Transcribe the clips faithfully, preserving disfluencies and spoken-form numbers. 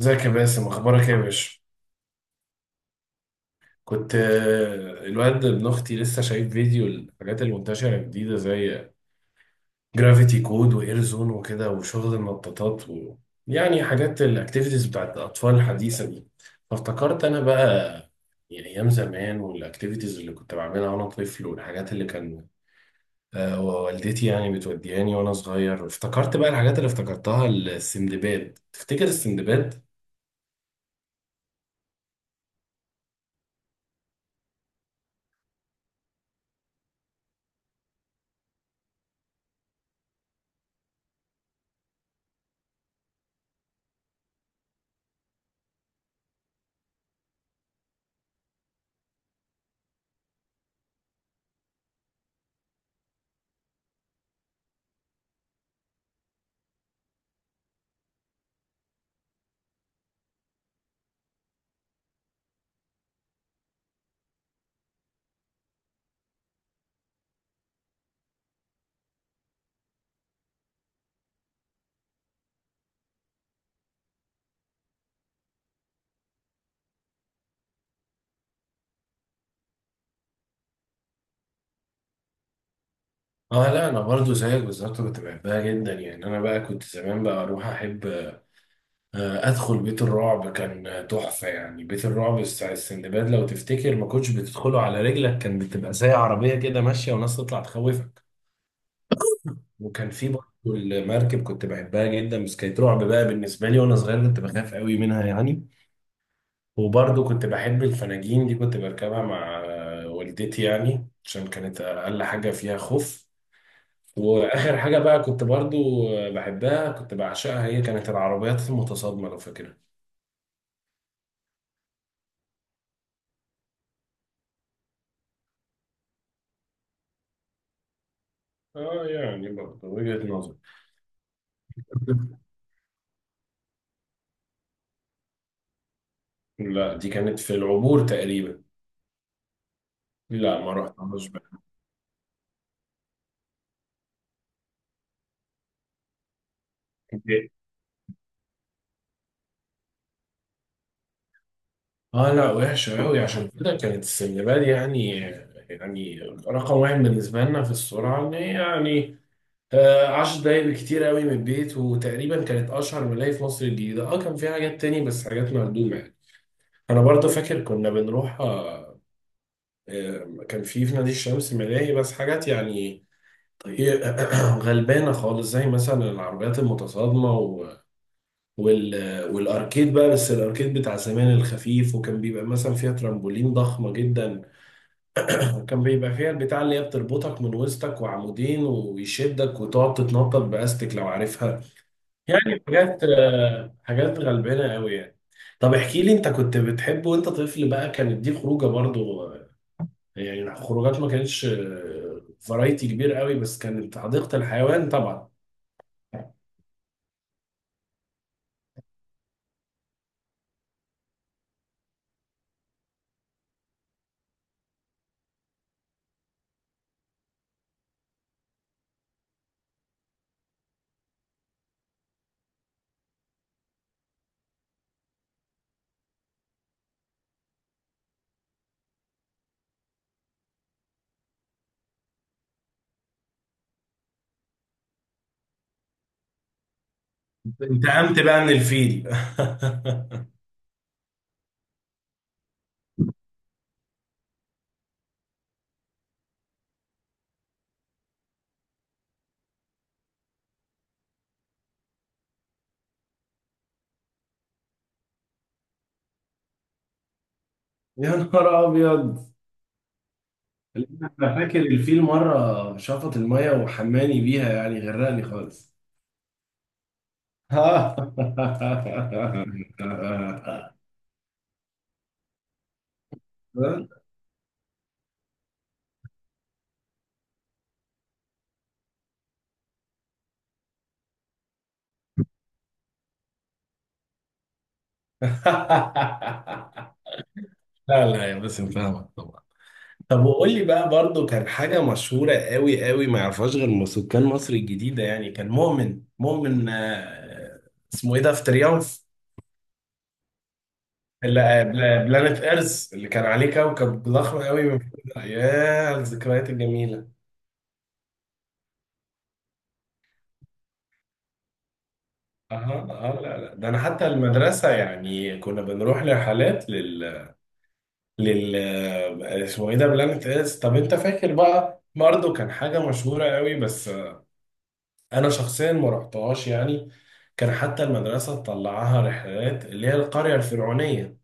ازيك يا باسم؟ اخبارك ايه يا باشا؟ كنت آه، الواد ابن اختي لسه شايف فيديو الحاجات المنتشره الجديده زي جرافيتي كود واير زون وكده وشغل النطاطات و... يعني حاجات الاكتيفيتيز بتاعت الاطفال الحديثه دي. فافتكرت انا بقى، يعني ايام زمان والاكتيفيتيز اللي كنت بعملها وانا طفل والحاجات اللي كان آه، والدتي يعني بتودياني وانا صغير. افتكرت بقى الحاجات اللي افتكرتها، السندباد. تفتكر السندباد؟ اه، لا انا برضو زيك بالظبط، كنت بحبها جدا. يعني انا بقى كنت زمان بقى اروح احب آه، ادخل بيت الرعب. كان آه، تحفه، يعني بيت الرعب بتاع السندباد لو تفتكر ما كنتش بتدخله على رجلك، كان بتبقى زي عربيه كده ماشيه وناس تطلع تخوفك. وكان في برضو المركب، كنت بحبها جدا بس كانت رعب بقى بالنسبه لي وانا صغير، كنت بخاف قوي منها يعني. وبرضو كنت بحب الفناجين دي، كنت بركبها مع آه، والدتي يعني، عشان كانت اقل حاجه فيها خوف. واخر حاجه بقى كنت برضو بحبها، كنت بعشقها، هي كانت العربيات المتصادمه لو فاكرها. اه، يعني برضو وجهه نظر. لا، دي كانت في العبور تقريبا. لا، ما رحتهاش بقى. اه لا، وحشه قوي، عشان كده كانت السندباد يعني. يعني رقم واحد بالنسبه لنا في السرعه، ان هي يعني آه، عشر دقايق كتير قوي من البيت، وتقريبا كانت اشهر ملاهي في مصر الجديده. اه، كان في حاجات تاني بس حاجات مهدومه يعني. انا برضه فاكر كنا بنروح آه، آه، كان في في نادي الشمس ملاهي، بس حاجات يعني ايه، غلبانه خالص، زي مثلا العربيات المتصادمه و... وال... والاركيد بقى، بس الاركيد بتاع زمان الخفيف، وكان بيبقى مثلا فيها ترامبولين ضخمه جدا. وكان بيبقى فيها البتاع اللي هي بتربطك من وسطك وعمودين ويشدك وتقعد تتنطط باستك، لو عارفها. يعني حاجات آه، حاجات غلبانه قوي يعني. طب احكي لي، انت كنت بتحب وانت طفل بقى، كانت دي خروجه برضو؟ يعني خروجات ما كانتش فرايتي كبير قوي، بس كانت حديقة الحيوان طبعا. انتقمت بقى من الفيل؟ يا نهار ابيض! انا فاكر الفيل مرة شفط المية وحماني بيها، يعني غرقني خالص. لا لا، يا باسم فاهمك طبعا. طب وقول لي بقى برضو، كان حاجة مشهورة قوي قوي ما يعرفهاش غير م- سكان مصر الجديدة يعني، كان مؤمن مؤمن آه، اسمه ايه ده في تريومف، اللي آه، بلا- بلانت ايرث، اللي كان عليه كوكب ضخم قوي من فوق. ياه على الذكريات الجميلة. اه اه، لا لا، ده انا حتى المدرسة يعني كنا بنروح لرحلات لل لل آه، اسمه ايه ده، بلانت ايرث. طب انت فاكر بقى برضه، كان حاجة مشهورة قوي بس انا شخصيا ما رحتهاش يعني، كان حتى المدرسه تطلعها رحلات، اللي هي القريه الفرعونيه،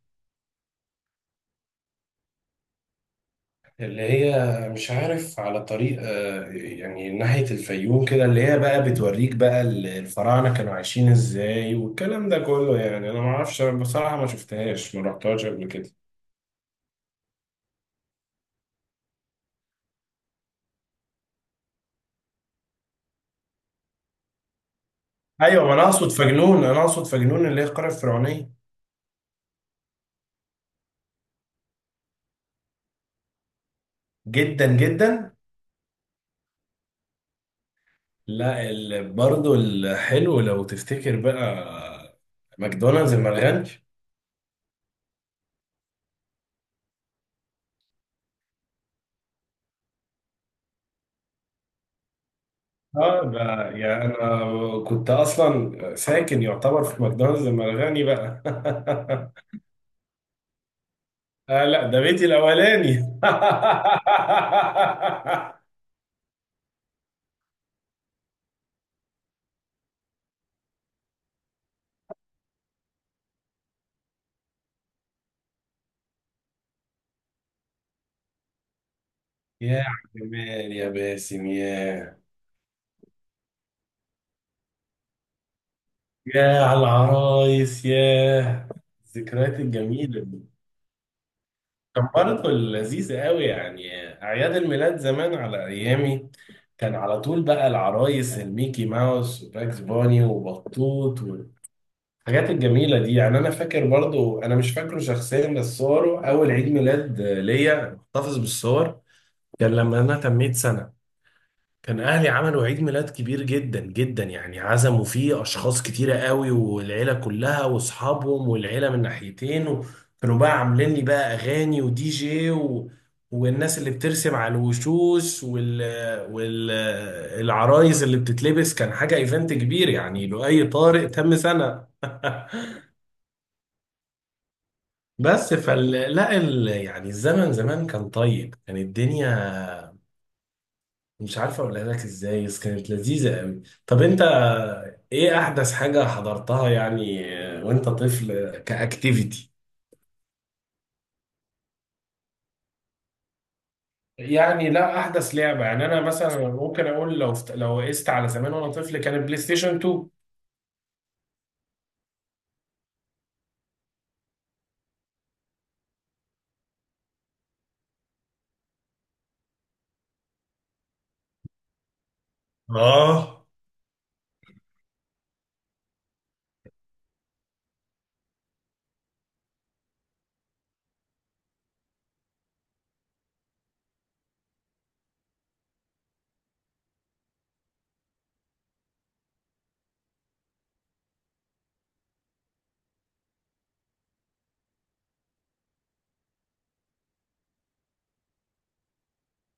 اللي هي مش عارف على طريق آه، يعني ناحيه الفيوم كده، اللي هي بقى بتوريك بقى ال- الفراعنه كانوا عايشين ازاي والكلام ده كله. يعني انا ما اعرفش، أنا بصراحه ما شفتهاش، ما رحتهاش قبل كده. ايوه، ما انا اقصد فجنون، انا اقصد فجنون اللي هي القريه الفرعونيه. جدا جدا. لا، ال- برضه الحلو لو تفتكر بقى، ماكدونالدز المرغني. اه، ده يعني انا كنت اصلا ساكن يعتبر في ماكدونالدز لما الغني بقى. آه لا، ده بيتي الاولاني. يا جمال يا باسم يا! يا على العرايس يا! الذكريات الجميلة دي كان برضه لذيذة قوي. يعني أعياد الميلاد زمان على أيامي كان على طول بقى العرايس، الميكي ماوس وباكس بوني وبطوط، الحاجات الجميلة دي. يعني أنا فاكر برضو أنا مش فاكره شخصيا، بس صوره أول عيد ميلاد ليا محتفظ بالصور. كان لما أنا تميت سنة، كان أهلي عملوا عيد ميلاد كبير جدا جدا، يعني عزموا فيه أشخاص كتيرة قوي، والعيلة كلها وأصحابهم، والعيلة من ناحيتين، وكانوا بقى عاملين لي بقى أغاني ودي جي و... والناس اللي بترسم على الوشوش وال... وال... العرايس اللي بتتلبس. كان حاجة إيفنت كبير يعني، لؤي طارق تم سنة. بس فال لا ال... يعني الزمن زمان كان طيب، كان الدنيا مش عارفه اقولها لك ازاي، بس كانت لذيذه قوي. طب انت ايه احدث حاجه حضرتها يعني وانت طفل كاكتيفيتي؟ يعني لا، احدث لعبه، يعني انا مثلا ممكن اقول، لو است... لو قست على زمان وانا طفل، كان البلاي ستيشن اتنين. اه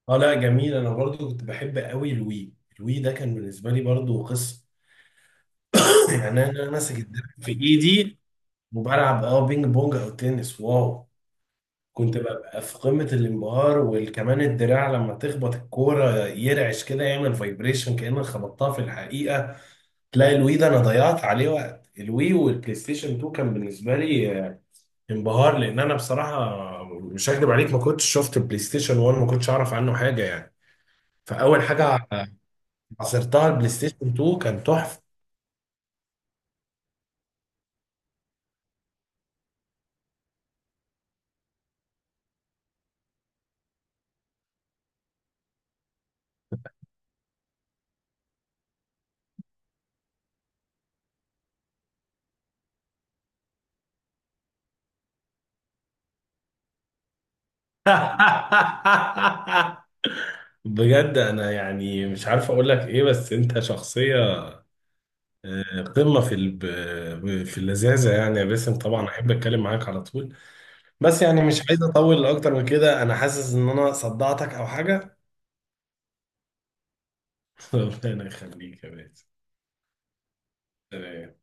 اه لا جميل، انا برضو كنت بحب قوي الوي. الوي ده كان بالنسبه لي برضو قصه، يعني انا أنا ماسك الدرع في ايدي، وبلعب اه بينج بونج او تنس. واو، كنت ببقى في قمة الانبهار، وكمان الدراع لما تخبط الكورة يرعش كده، يعمل فايبريشن كأنك خبطتها في الحقيقة. تلاقي الوي ده أنا ضيعت عليه وقت. الوي والبلاي ستيشن اتنين كان بالنسبة لي آه، انبهار، لأن أنا بصراحة مش هكدب عليك، ما كنتش شفت البلاي ستيشن واحد، ما كنتش أعرف عنه حاجة يعني. فأول حاجة عصرتها البلاي ستيشن اتنين كان تحفة. بجد أنا يعني مش عارف أقول لك إيه، بس أنت شخصية آه، قمة في الب... في اللذاذة، يعني يا باسم. طبعا أحب أتكلم معاك على طول، بس يعني مش عايز أطول أكتر من كده، أنا حاسس إن أنا صدعتك أو حاجة. ربنا يخليك يا باسم. تمام.